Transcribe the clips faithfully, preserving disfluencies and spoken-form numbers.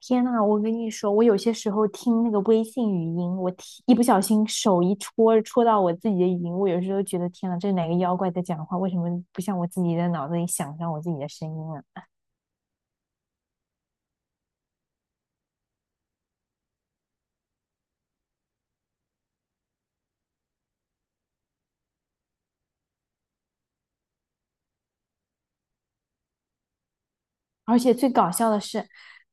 天呐，我跟你说，我有些时候听那个微信语音，我听一不小心手一戳戳到我自己的语音，我有时候觉得天呐，这是哪个妖怪在讲话？为什么不像我自己的脑子里想象我自己的声音啊？而且最搞笑的是，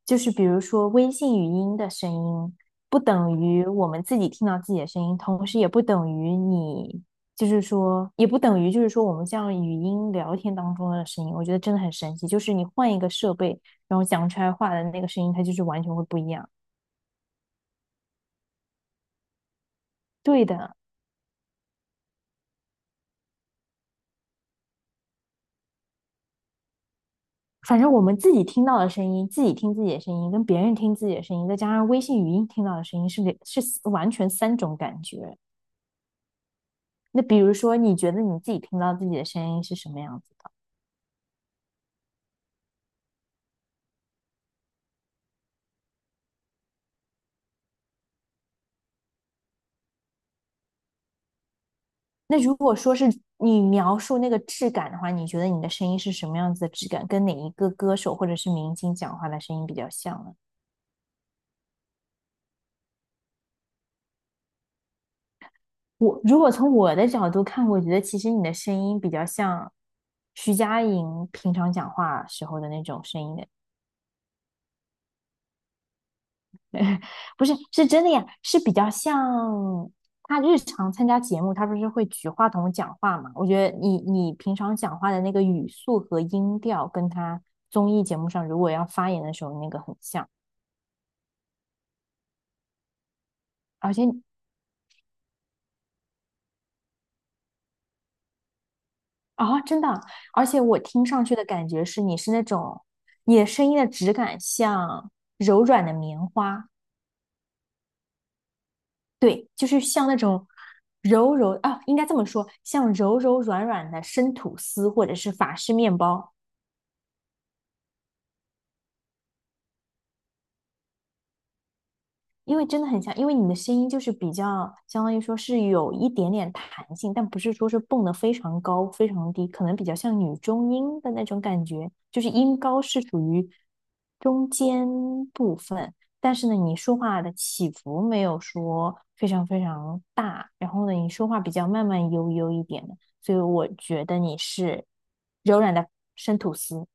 就是比如说微信语音的声音，不等于我们自己听到自己的声音，同时也不等于你，就是说，也不等于就是说我们像语音聊天当中的声音。我觉得真的很神奇，就是你换一个设备，然后讲出来话的那个声音，它就是完全会不一样。对的，反正我们自己听到的声音，自己听自己的声音，跟别人听自己的声音，再加上微信语音听到的声音是，是完全三种感觉。那比如说，你觉得你自己听到自己的声音是什么样子的？那如果说是你描述那个质感的话，你觉得你的声音是什么样子的质感？跟哪一个歌手或者是明星讲话的声音比较像呢？我如果从我的角度看，我觉得其实你的声音比较像徐佳莹平常讲话时候的那种声音的。不是，是真的呀，是比较像他日常参加节目，他不是会举话筒讲话嘛？我觉得你你平常讲话的那个语速和音调，跟他综艺节目上如果要发言的时候那个很像，而且啊、真的，而且我听上去的感觉是你是那种你的声音的质感像柔软的棉花，对，就是像那种。柔柔啊，应该这么说，像柔柔软软的生吐司或者是法式面包，因为真的很像，因为你的声音就是比较，相当于说是有一点点弹性，但不是说是蹦得非常高、非常低，可能比较像女中音的那种感觉，就是音高是属于中间部分，但是呢，你说话的起伏没有说非常非常大，然后呢，你说话比较慢慢悠悠一点的，所以我觉得你是柔软的生吐司。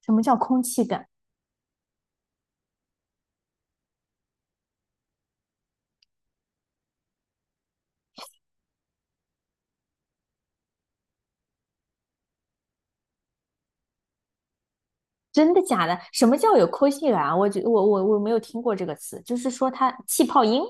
什么叫空气感？真的假的？什么叫有抠性源啊？我觉我我我没有听过这个词，就是说它气泡音。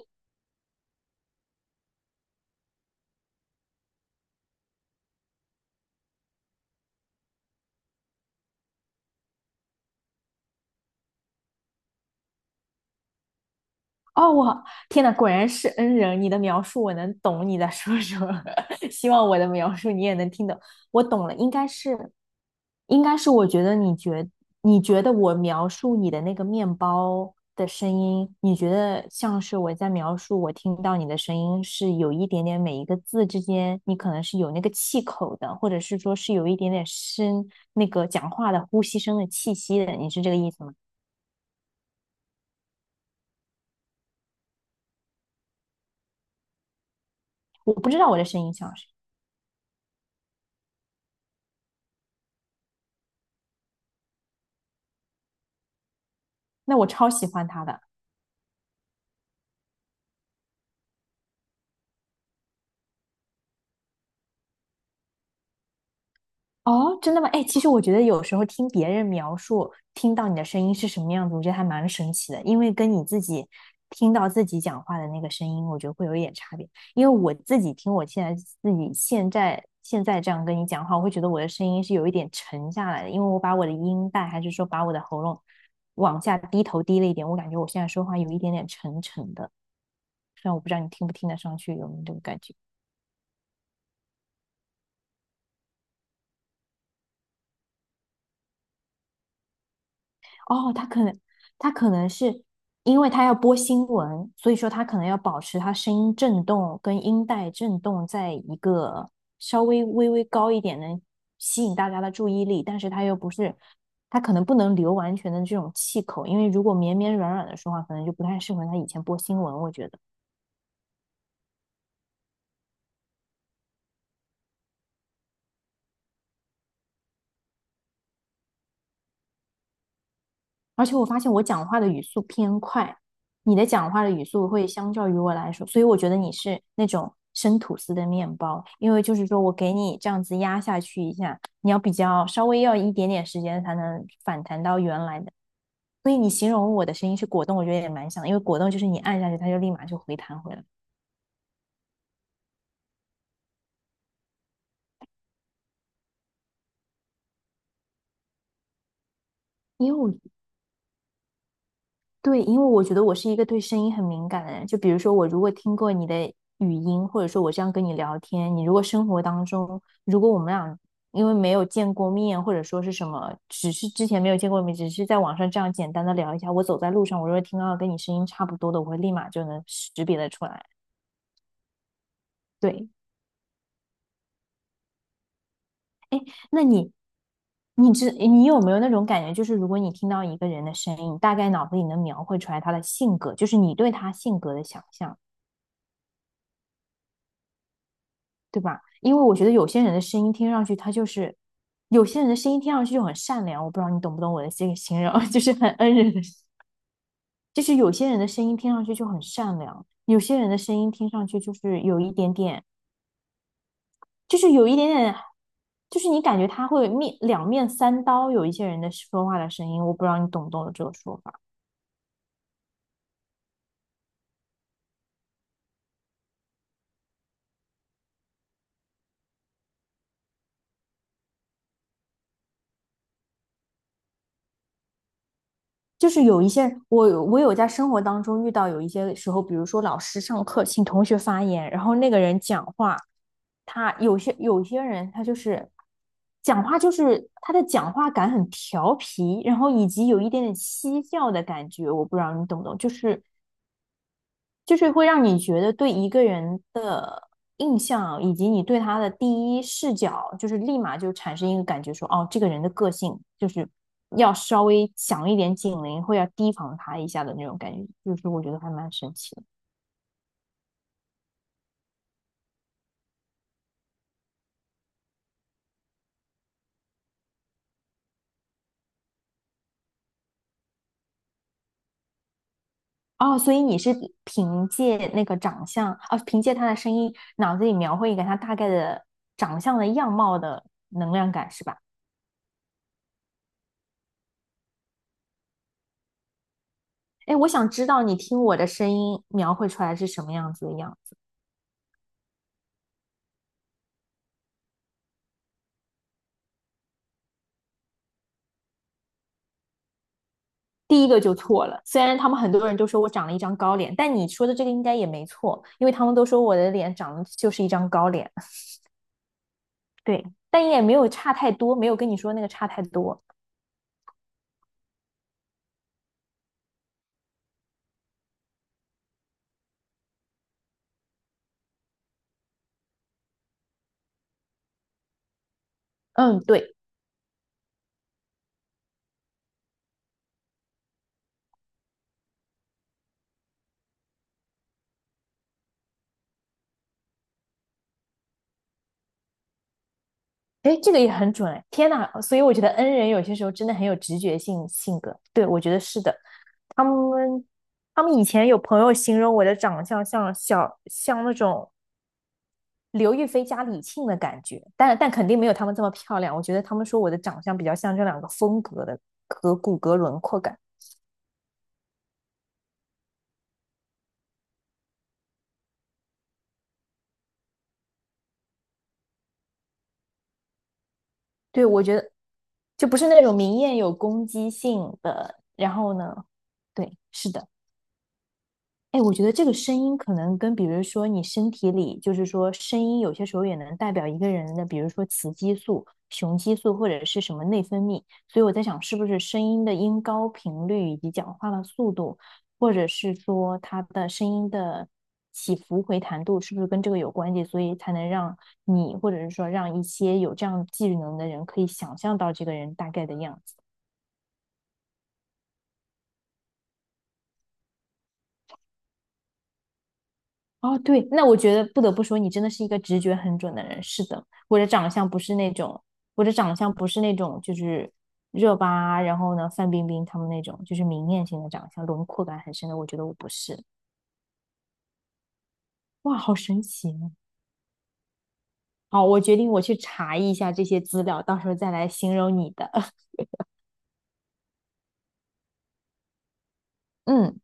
哦，我天呐，果然是恩人！你的描述我能懂你在说什么，希望我的描述你也能听懂。我懂了，应该是，应该是，我觉得你觉你觉得我描述你的那个面包的声音，你觉得像是我在描述我听到你的声音是有一点点每一个字之间，你可能是有那个气口的，或者是说是有一点点声那个讲话的呼吸声的气息的，你是这个意思吗？我不知道我的声音像是，那我超喜欢他的。哦，真的吗？哎，其实我觉得有时候听别人描述，听到你的声音是什么样子，我觉得还蛮神奇的，因为跟你自己听到自己讲话的那个声音，我觉得会有一点差别。因为我自己听我现在自己现在现在这样跟你讲话，我会觉得我的声音是有一点沉下来的，因为我把我的音带还是说把我的喉咙往下低头低了一点，我感觉我现在说话有一点点沉沉的，虽然我不知道你听不听得上去，有没有这个感觉。哦，他可能他可能是因为他要播新闻，所以说他可能要保持他声音震动跟音带震动在一个稍微微微高一点，能吸引大家的注意力，但是他又不是，他可能不能留完全的这种气口，因为如果绵绵软软的说话，可能就不太适合他以前播新闻，我觉得。而且我发现我讲话的语速偏快，你的讲话的语速会相较于我来说，所以我觉得你是那种生吐司的面包，因为就是说我给你这样子压下去一下，你要比较稍微要一点点时间才能反弹到原来的。所以你形容我的声音是果冻，我觉得也蛮像的因为果冻就是你按下去，它就立马就回弹回来。因为我对，因为我觉得我是一个对声音很敏感的人。就比如说，我如果听过你的语音，或者说我这样跟你聊天，你如果生活当中，如果我们俩因为没有见过面，或者说是什么，只是之前没有见过面，只是在网上这样简单的聊一下，我走在路上，我如果听到跟你声音差不多的，我会立马就能识别的出来。对，哎，那你，你知你有没有那种感觉，就是如果你听到一个人的声音，大概脑子里能描绘出来他的性格，就是你对他性格的想象？对吧？因为我觉得有些人的声音听上去，他就是有些人的声音听上去就很善良，我不知道你懂不懂我的这个形容，就是很恩人的，就是有些人的声音听上去就很善良，有些人的声音听上去就是有一点点，就是有一点点，就是你感觉他会面两面三刀。有一些人的说话的声音，我不知道你懂不懂我这个说法。就是有一些人我有我有在生活当中遇到有一些时候，比如说老师上课请同学发言，然后那个人讲话，他有些有些人他就是讲话就是他的讲话感很调皮，然后以及有一点点嬉笑的感觉，我不知道你懂不懂，就是就是会让你觉得对一个人的印象以及你对他的第一视角，就是立马就产生一个感觉说，哦，这个人的个性就是要稍微响一点警铃，会要提防他一下的那种感觉，就是我觉得还蛮神奇的。哦，所以你是凭借那个长相，啊，凭借他的声音，脑子里描绘一个他大概的长相的样貌的能量感，是吧？哎，我想知道你听我的声音描绘出来是什么样子的样子。第一个就错了，虽然他们很多人都说我长了一张高脸，但你说的这个应该也没错，因为他们都说我的脸长得就是一张高脸，对，但也没有差太多，没有跟你说那个差太多。嗯，对。哎，这个也很准哎！天呐，所以我觉得 N 人有些时候真的很有直觉性性格。对，我觉得是的。他们他们以前有朋友形容我的长相像小像那种刘亦菲加李沁的感觉，但但肯定没有他们这么漂亮。我觉得他们说我的长相比较像这两个风格的和骨骼轮廓感。对，我觉得就不是那种明艳有攻击性的。然后呢，对，是的。哎，我觉得这个声音可能跟，比如说你身体里，就是说声音有些时候也能代表一个人的，比如说雌激素、雄激素或者是什么内分泌。所以我在想，是不是声音的音高频率以及讲话的速度，或者是说他的声音的起伏回弹度，是不是跟这个有关系？所以才能让你，或者是说让一些有这样技能的人，可以想象到这个人大概的样子。哦，对，那我觉得不得不说，你真的是一个直觉很准的人。是的，我的长相不是那种，我的长相不是那种，就是热巴，然后呢，范冰冰他们那种，就是明艳型的长相，轮廓感很深的。我觉得我不是。哇，好神奇哦！好，我决定我去查一下这些资料，到时候再来形容你的。嗯。